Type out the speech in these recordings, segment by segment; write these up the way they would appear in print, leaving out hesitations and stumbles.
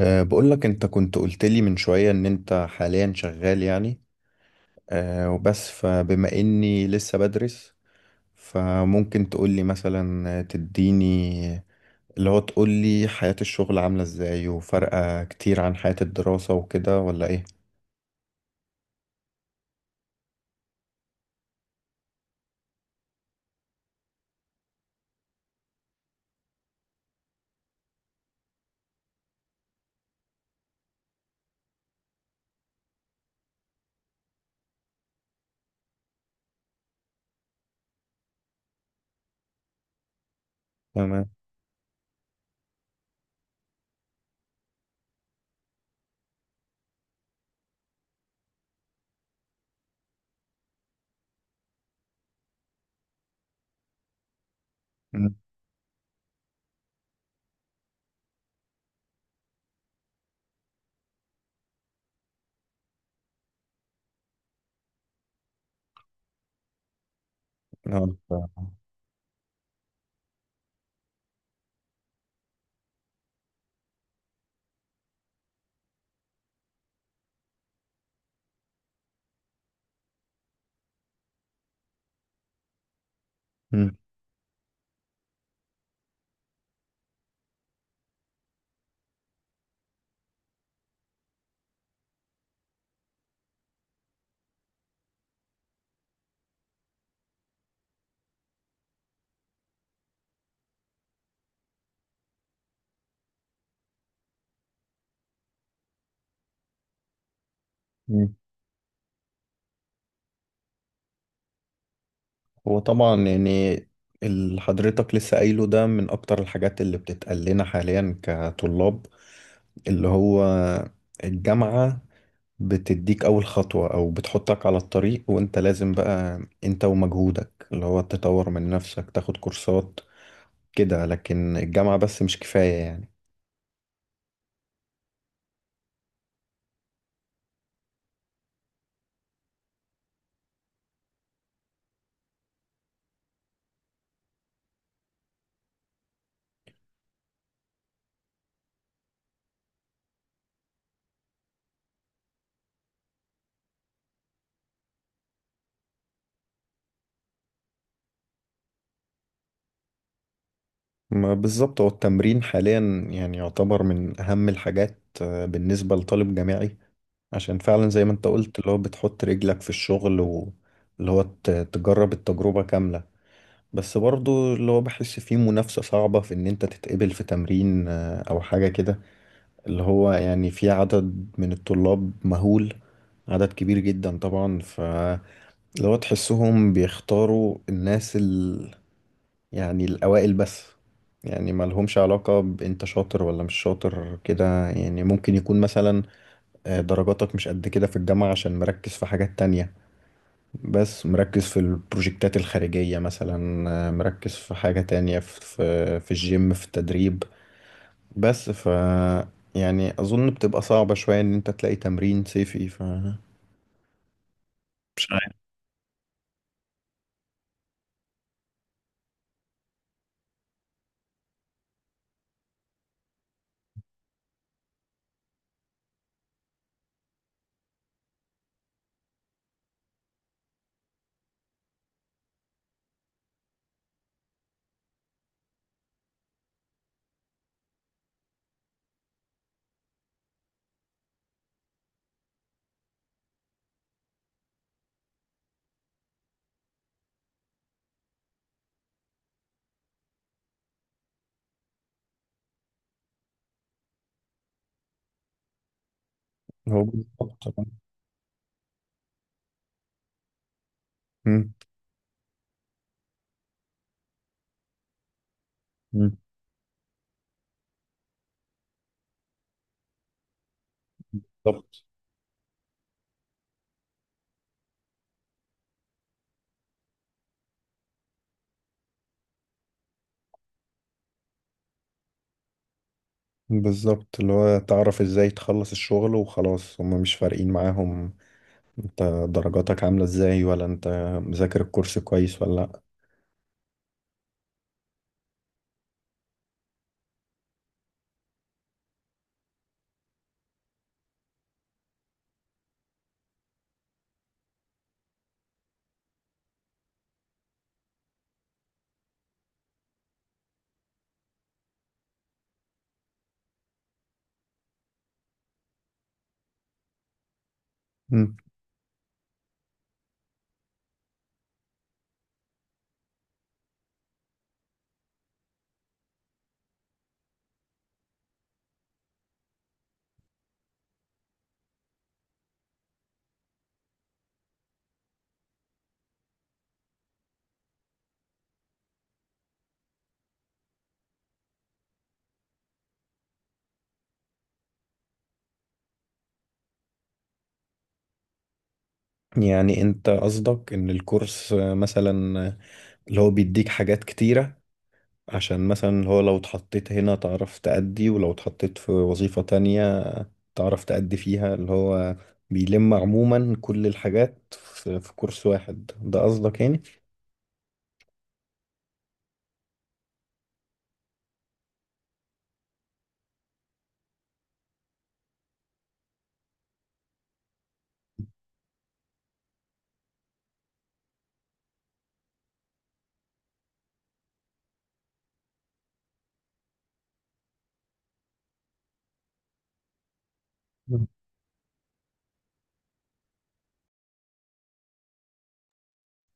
بقول لك، انت كنت قلت لي من شوية ان انت حاليا شغال، يعني. وبس، فبما اني لسه بدرس، فممكن تقول لي مثلا، تديني اللي هو، تقول لي حياة الشغل عاملة ازاي، وفرقة كتير عن حياة الدراسة وكده، ولا ايه؟ تمام. مم. آه، ف- مم. مم. هو طبعا يعني اللي حضرتك لسه قايله ده من اكتر الحاجات اللي بتتقال لنا حاليا كطلاب، اللي هو الجامعة بتديك أول خطوة، أو بتحطك على الطريق، وأنت لازم بقى أنت ومجهودك، اللي هو تطور من نفسك، تاخد كورسات كده، لكن الجامعة بس مش كفاية يعني. ما بالظبط، هو التمرين حاليا يعني يعتبر من أهم الحاجات بالنسبة لطالب جامعي، عشان فعلا زي ما أنت قلت اللي هو بتحط رجلك في الشغل، واللي هو تجرب التجربة كاملة. بس برضو اللي هو بحس فيه منافسة صعبة، في إن أنت تتقبل في تمرين أو حاجة كده. اللي هو يعني في عدد من الطلاب مهول، عدد كبير جدا طبعا، فلو تحسهم بيختاروا الناس يعني الأوائل بس، يعني ما لهمش علاقة بأنت شاطر ولا مش شاطر كده. يعني ممكن يكون مثلا درجاتك مش قد كده في الجامعة، عشان مركز في حاجات تانية، بس مركز في البروجكتات الخارجية مثلا، مركز في حاجة تانية، في الجيم، في التدريب بس. يعني اظن بتبقى صعبة شوية ان انت تلاقي تمرين صيفي، مش عارف. هو بالظبط. مم. مم. بالظبط. بالظبط، اللي هو تعرف ازاي تخلص الشغل وخلاص، هما مش فارقين معاهم انت درجاتك عاملة ازاي، ولا انت مذاكر الكورس كويس ولا لا. مم. يعني انت قصدك ان الكورس مثلا، اللي هو بيديك حاجات كتيرة، عشان مثلا اللي هو لو اتحطيت هنا تعرف تأدي، ولو اتحطيت في وظيفة تانية تعرف تأدي فيها، اللي هو بيلم عموما كل الحاجات في كورس واحد، ده قصدك يعني؟ مم.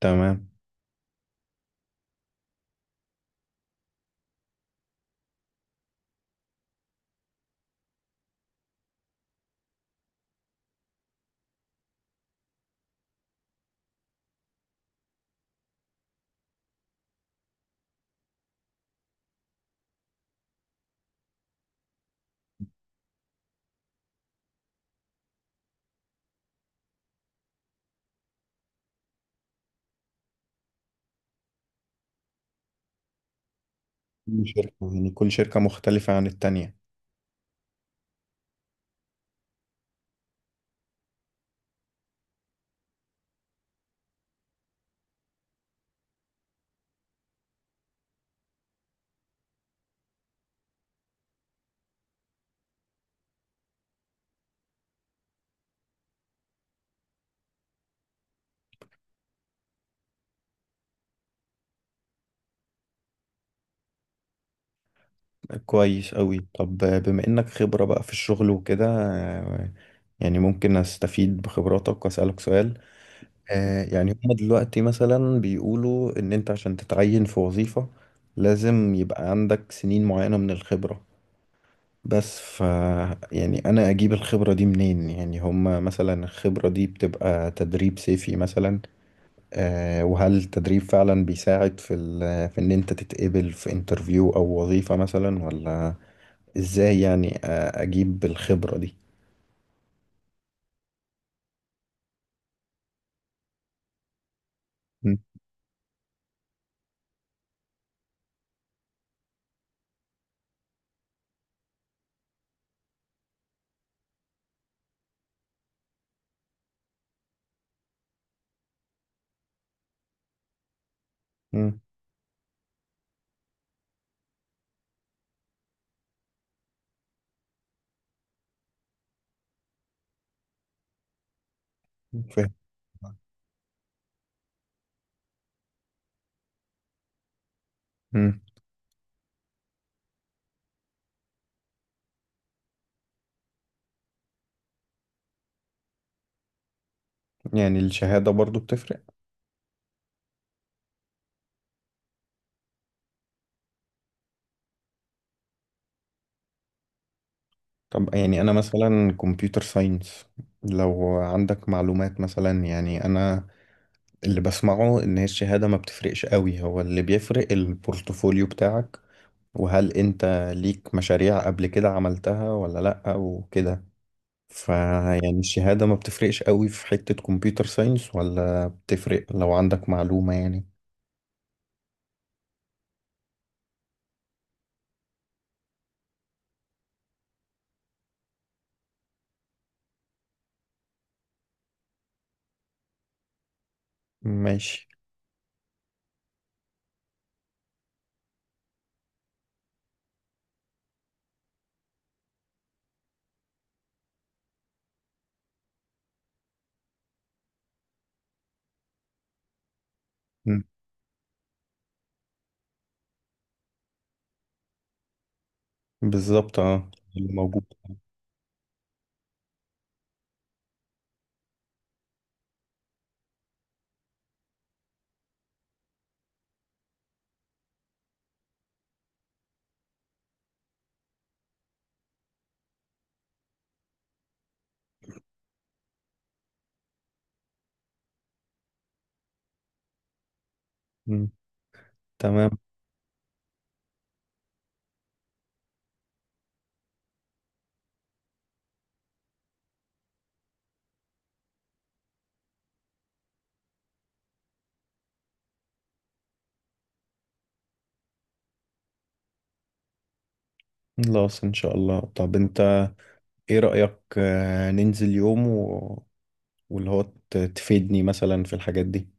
تمام. كل شركة، يعني كل شركة مختلفة عن التانية. كويس أوي. طب بما إنك خبرة بقى في الشغل وكده، آه، يعني ممكن أستفيد بخبراتك وأسألك سؤال؟ يعني هما دلوقتي مثلا بيقولوا إن أنت عشان تتعين في وظيفة لازم يبقى عندك سنين معينة من الخبرة. بس يعني انا اجيب الخبرة دي منين؟ يعني هما مثلا الخبرة دي بتبقى تدريب صيفي مثلا؟ وهل التدريب فعلا بيساعد في في ان انت تتقبل في انترفيو او وظيفة مثلا، ولا ازاي يعني اجيب الخبرة دي؟ م- م- فاهم. م. يعني الشهادة برضو بتفرق؟ طب يعني انا مثلا كمبيوتر ساينس، لو عندك معلومات مثلا. يعني انا اللي بسمعه ان هي الشهادة ما بتفرقش قوي، هو اللي بيفرق البورتفوليو بتاعك، وهل انت ليك مشاريع قبل كده عملتها، ولا لأ وكده. فيعني الشهادة ما بتفرقش قوي في حتة كمبيوتر ساينس، ولا بتفرق لو عندك معلومة يعني؟ ماشي. مم. بالظبط، اه. اللي موجود. مم. تمام. خلاص ان شاء الله. طب انت ايه رأيك ننزل يوم واللي هو تفيدني مثلا في الحاجات دي؟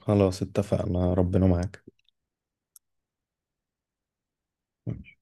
خلاص اتفقنا، ربنا معاك. م.